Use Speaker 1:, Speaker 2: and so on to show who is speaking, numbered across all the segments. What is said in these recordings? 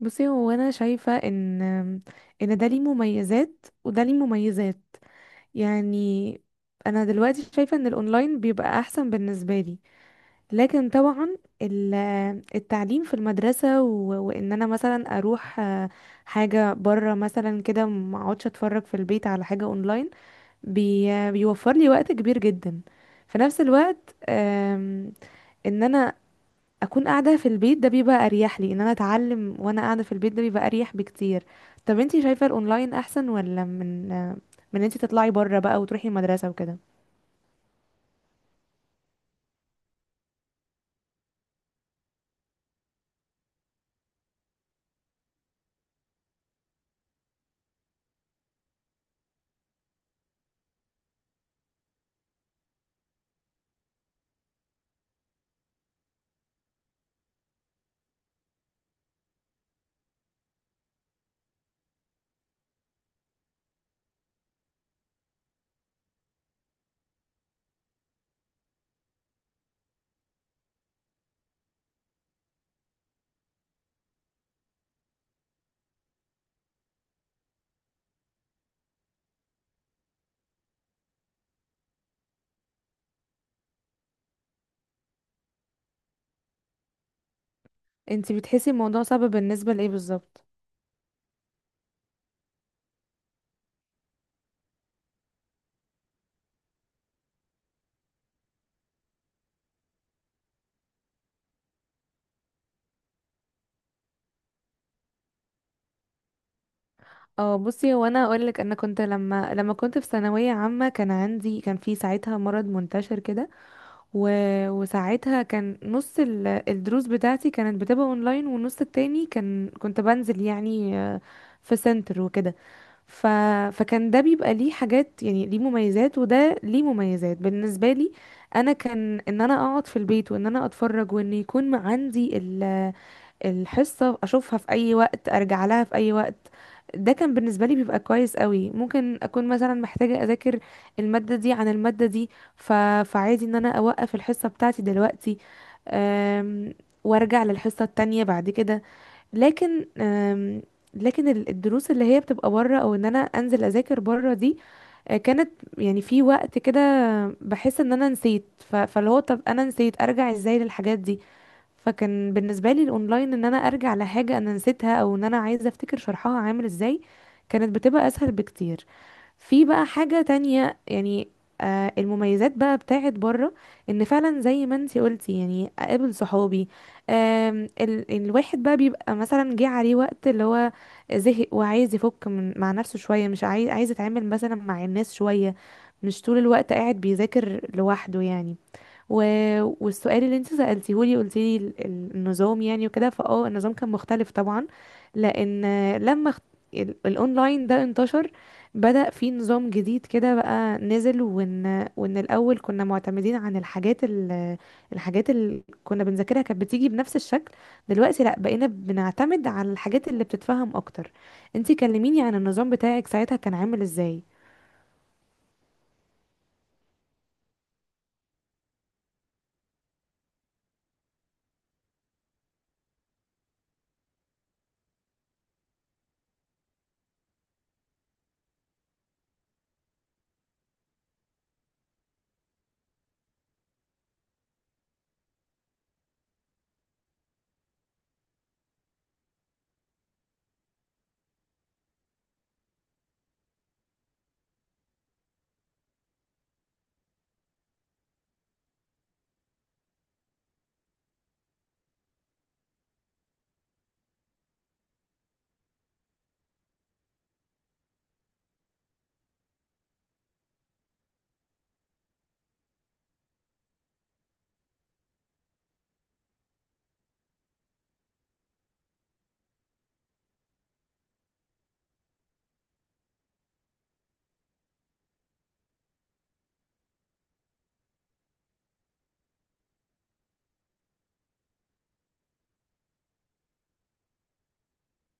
Speaker 1: بصي، هو انا شايفه ان ده ليه مميزات وده ليه مميزات. يعني انا دلوقتي شايفه ان الاونلاين بيبقى احسن بالنسبه لي. لكن طبعا ال- التعليم في المدرسه وان انا مثلا اروح حاجه بره مثلا كده، ما اقعدش اتفرج في البيت على حاجه اونلاين. بيوفر لي وقت كبير جدا. في نفس الوقت، ان انا اكون قاعده في البيت ده بيبقى اريح لي. ان انا اتعلم وانا قاعده في البيت ده بيبقى اريح بكتير. طب انتي شايفه الاونلاين احسن، ولا من انتي تطلعي بره بقى وتروحي المدرسه وكده؟ انتي بتحسي الموضوع صعب بالنسبه لايه بالظبط؟ اه، بصي، هو انا اقول لك: انا كنت لما كنت في ثانويه عامه كان عندي، كان في ساعتها مرض منتشر كده. و... وساعتها كان نص الدروس بتاعتي كانت بتبقى اونلاين، والنص التاني كنت بنزل يعني في سنتر وكده. ف... فكان ده بيبقى ليه حاجات، يعني ليه مميزات وده ليه مميزات. بالنسبة لي انا كان ان انا اقعد في البيت وان انا اتفرج، وان يكون عندي الحصة اشوفها في اي وقت، ارجع لها في اي وقت. ده كان بالنسبة لي بيبقى كويس قوي. ممكن اكون مثلا محتاجة اذاكر المادة دي عن المادة دي، ف... فعادي ان انا اوقف الحصة بتاعتي دلوقتي، أم... وارجع للحصة التانية بعد كده. لكن لكن الدروس اللي هي بتبقى بره او ان انا انزل اذاكر بره دي، كانت يعني في وقت كده بحس ان انا نسيت، فاللي هو طب انا نسيت ارجع ازاي للحاجات دي. فكان بالنسبه لي الاونلاين، ان انا ارجع لحاجه انا نسيتها او ان انا عايزه افتكر شرحها عامل ازاي، كانت بتبقى اسهل بكتير. في بقى حاجة تانية يعني، المميزات بقى بتاعت بره، ان فعلا زي ما انتي قلتي يعني اقابل صحابي. الواحد بقى بيبقى مثلا جه عليه وقت اللي هو زهق وعايز يفك من مع نفسه شوية، مش عايز يتعامل مثلا مع الناس شوية، مش طول الوقت قاعد بيذاكر لوحده يعني. و... والسؤال اللي انت سألتيه لي، قلت لي النظام يعني وكده، فاه، النظام كان مختلف طبعا، لان لما الاونلاين ده انتشر، بدأ في نظام جديد كده بقى نزل. وان الاول كنا معتمدين عن الحاجات الحاجات اللي كنا بنذاكرها كانت بتيجي بنفس الشكل. دلوقتي لا، بقينا بنعتمد على الحاجات اللي بتتفهم اكتر. انتي كلميني عن النظام بتاعك ساعتها كان عامل ازاي؟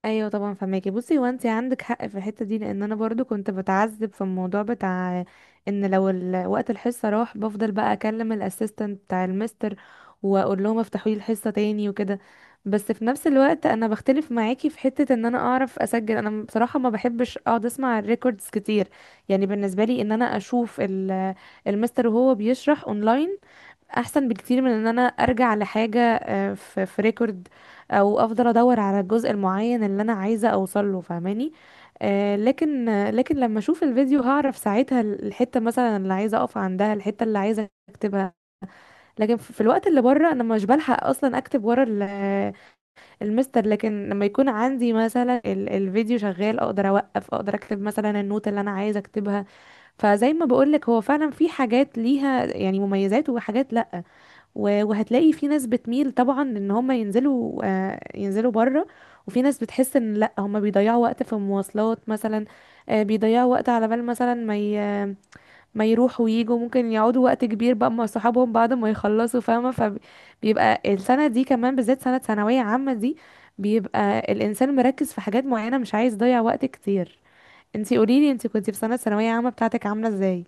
Speaker 1: ايوه طبعا، فهماكي. بصي، هو انت عندك حق في الحته دي، لان انا برضو كنت بتعذب في الموضوع بتاع ان لو وقت الحصه راح، بفضل بقى اكلم الاسيستنت بتاع المستر واقول لهم افتحوا لي الحصه تاني وكده. بس في نفس الوقت انا بختلف معاكي في حته ان انا اعرف اسجل. انا بصراحه ما بحبش اقعد اسمع الريكوردز كتير. يعني بالنسبه لي ان انا اشوف المستر وهو بيشرح اونلاين احسن بكتير من ان انا ارجع لحاجه في ريكورد او افضل ادور على الجزء المعين اللي انا عايزه اوصل له، فاهماني. لكن لكن لما اشوف الفيديو هعرف ساعتها الحته مثلا اللي عايزه اقف عندها، الحته اللي عايزه اكتبها. لكن في الوقت اللي بره انا مش بلحق اصلا اكتب ورا المستر. لكن لما يكون عندي مثلا الفيديو شغال، اقدر اوقف، اقدر اكتب مثلا النوت اللي انا عايزه اكتبها. فزي ما بقولك، هو فعلا في حاجات ليها يعني مميزات وحاجات لا. وهتلاقي في ناس بتميل طبعا ان هم ينزلوا، ينزلوا بره، وفي ناس بتحس ان لا، هم بيضيعوا وقت في المواصلات مثلا. بيضيعوا وقت على بال مثلا ما يروحوا ويجوا، ممكن يقعدوا وقت كبير بقى مع صحابهم بعد ما يخلصوا، فاهمة. فبيبقى السنة دي كمان بالذات، سنة ثانوية عامة دي، بيبقى الإنسان مركز في حاجات معينة، مش عايز يضيع وقت كتير. انتي قوليلي انتي كنتي في سنة ثانوية عامة بتاعتك عاملة ازاي؟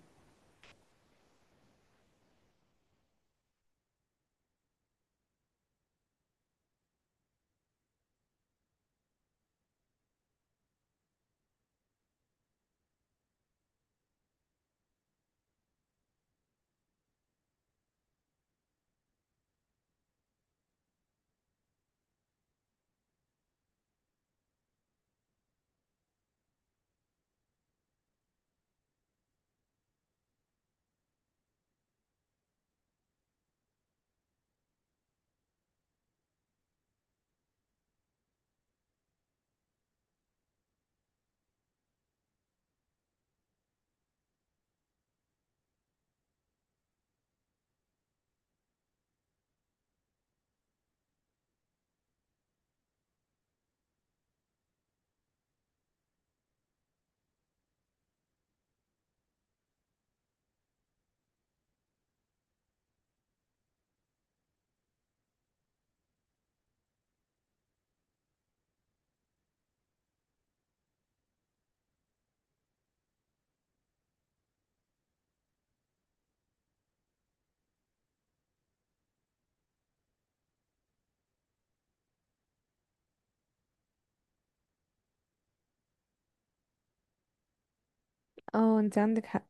Speaker 1: اه انتي عندك حق.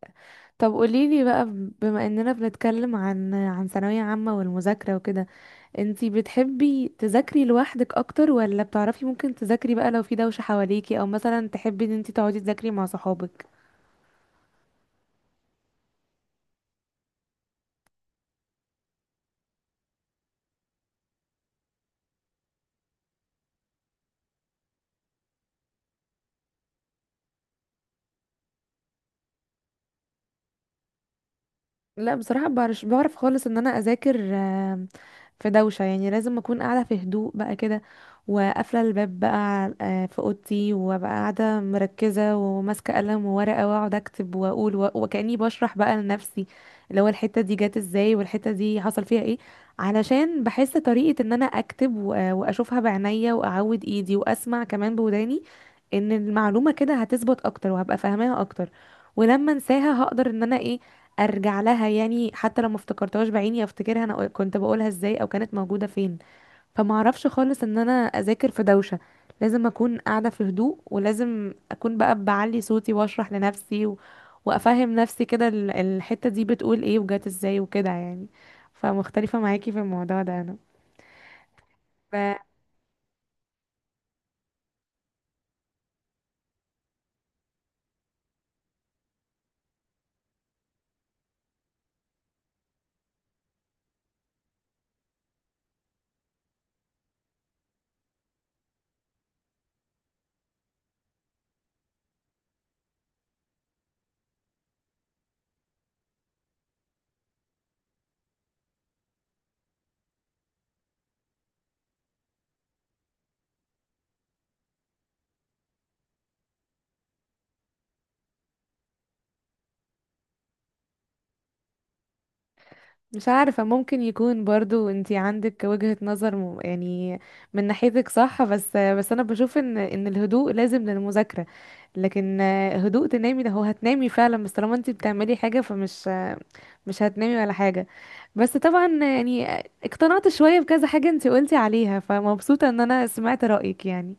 Speaker 1: طب قوليلي بقى، بما اننا بنتكلم عن ثانوية عامة والمذاكرة وكده، انتي بتحبي تذاكري لوحدك اكتر، ولا بتعرفي ممكن تذاكري بقى لو في دوشة حواليكي، او مثلا تحبي ان انتي تقعدي تذاكري مع صحابك؟ لا، بصراحة بعرف، بعرف خالص ان انا اذاكر في دوشة. يعني لازم اكون قاعدة في هدوء بقى كده، وقافلة الباب بقى، في اوضتي، وبقى قاعدة مركزة وماسكة قلم وورقة، واقعد اكتب واقول وكأني بشرح بقى لنفسي اللي هو الحتة دي جت ازاي والحتة دي حصل فيها ايه. علشان بحس طريقة ان انا اكتب واشوفها بعينيا واعود ايدي واسمع كمان بوداني، ان المعلومة كده هتثبت اكتر وهبقى فاهماها اكتر. ولما انساها هقدر ان انا ايه، ارجع لها يعني. حتى لو ما افتكرتهاش بعيني، افتكرها انا كنت بقولها ازاي او كانت موجوده فين. فما اعرفش خالص ان انا اذاكر في دوشه، لازم اكون قاعده في هدوء، ولازم اكون بقى بعلي صوتي واشرح لنفسي وافهم نفسي كده الحته دي بتقول ايه وجات ازاي وكده يعني. فمختلفه معاكي في الموضوع ده. انا مش عارفة، ممكن يكون برضو انتي عندك وجهة نظر يعني من ناحيتك صح، بس انا بشوف ان الهدوء لازم للمذاكرة. لكن هدوء تنامي ده، هو هتنامي فعلا، بس طالما انتي بتعملي حاجة فمش، مش هتنامي ولا حاجة. بس طبعا يعني اقتنعت شوية بكذا حاجة انتي قلتي عليها، فمبسوطة ان انا سمعت رأيك يعني.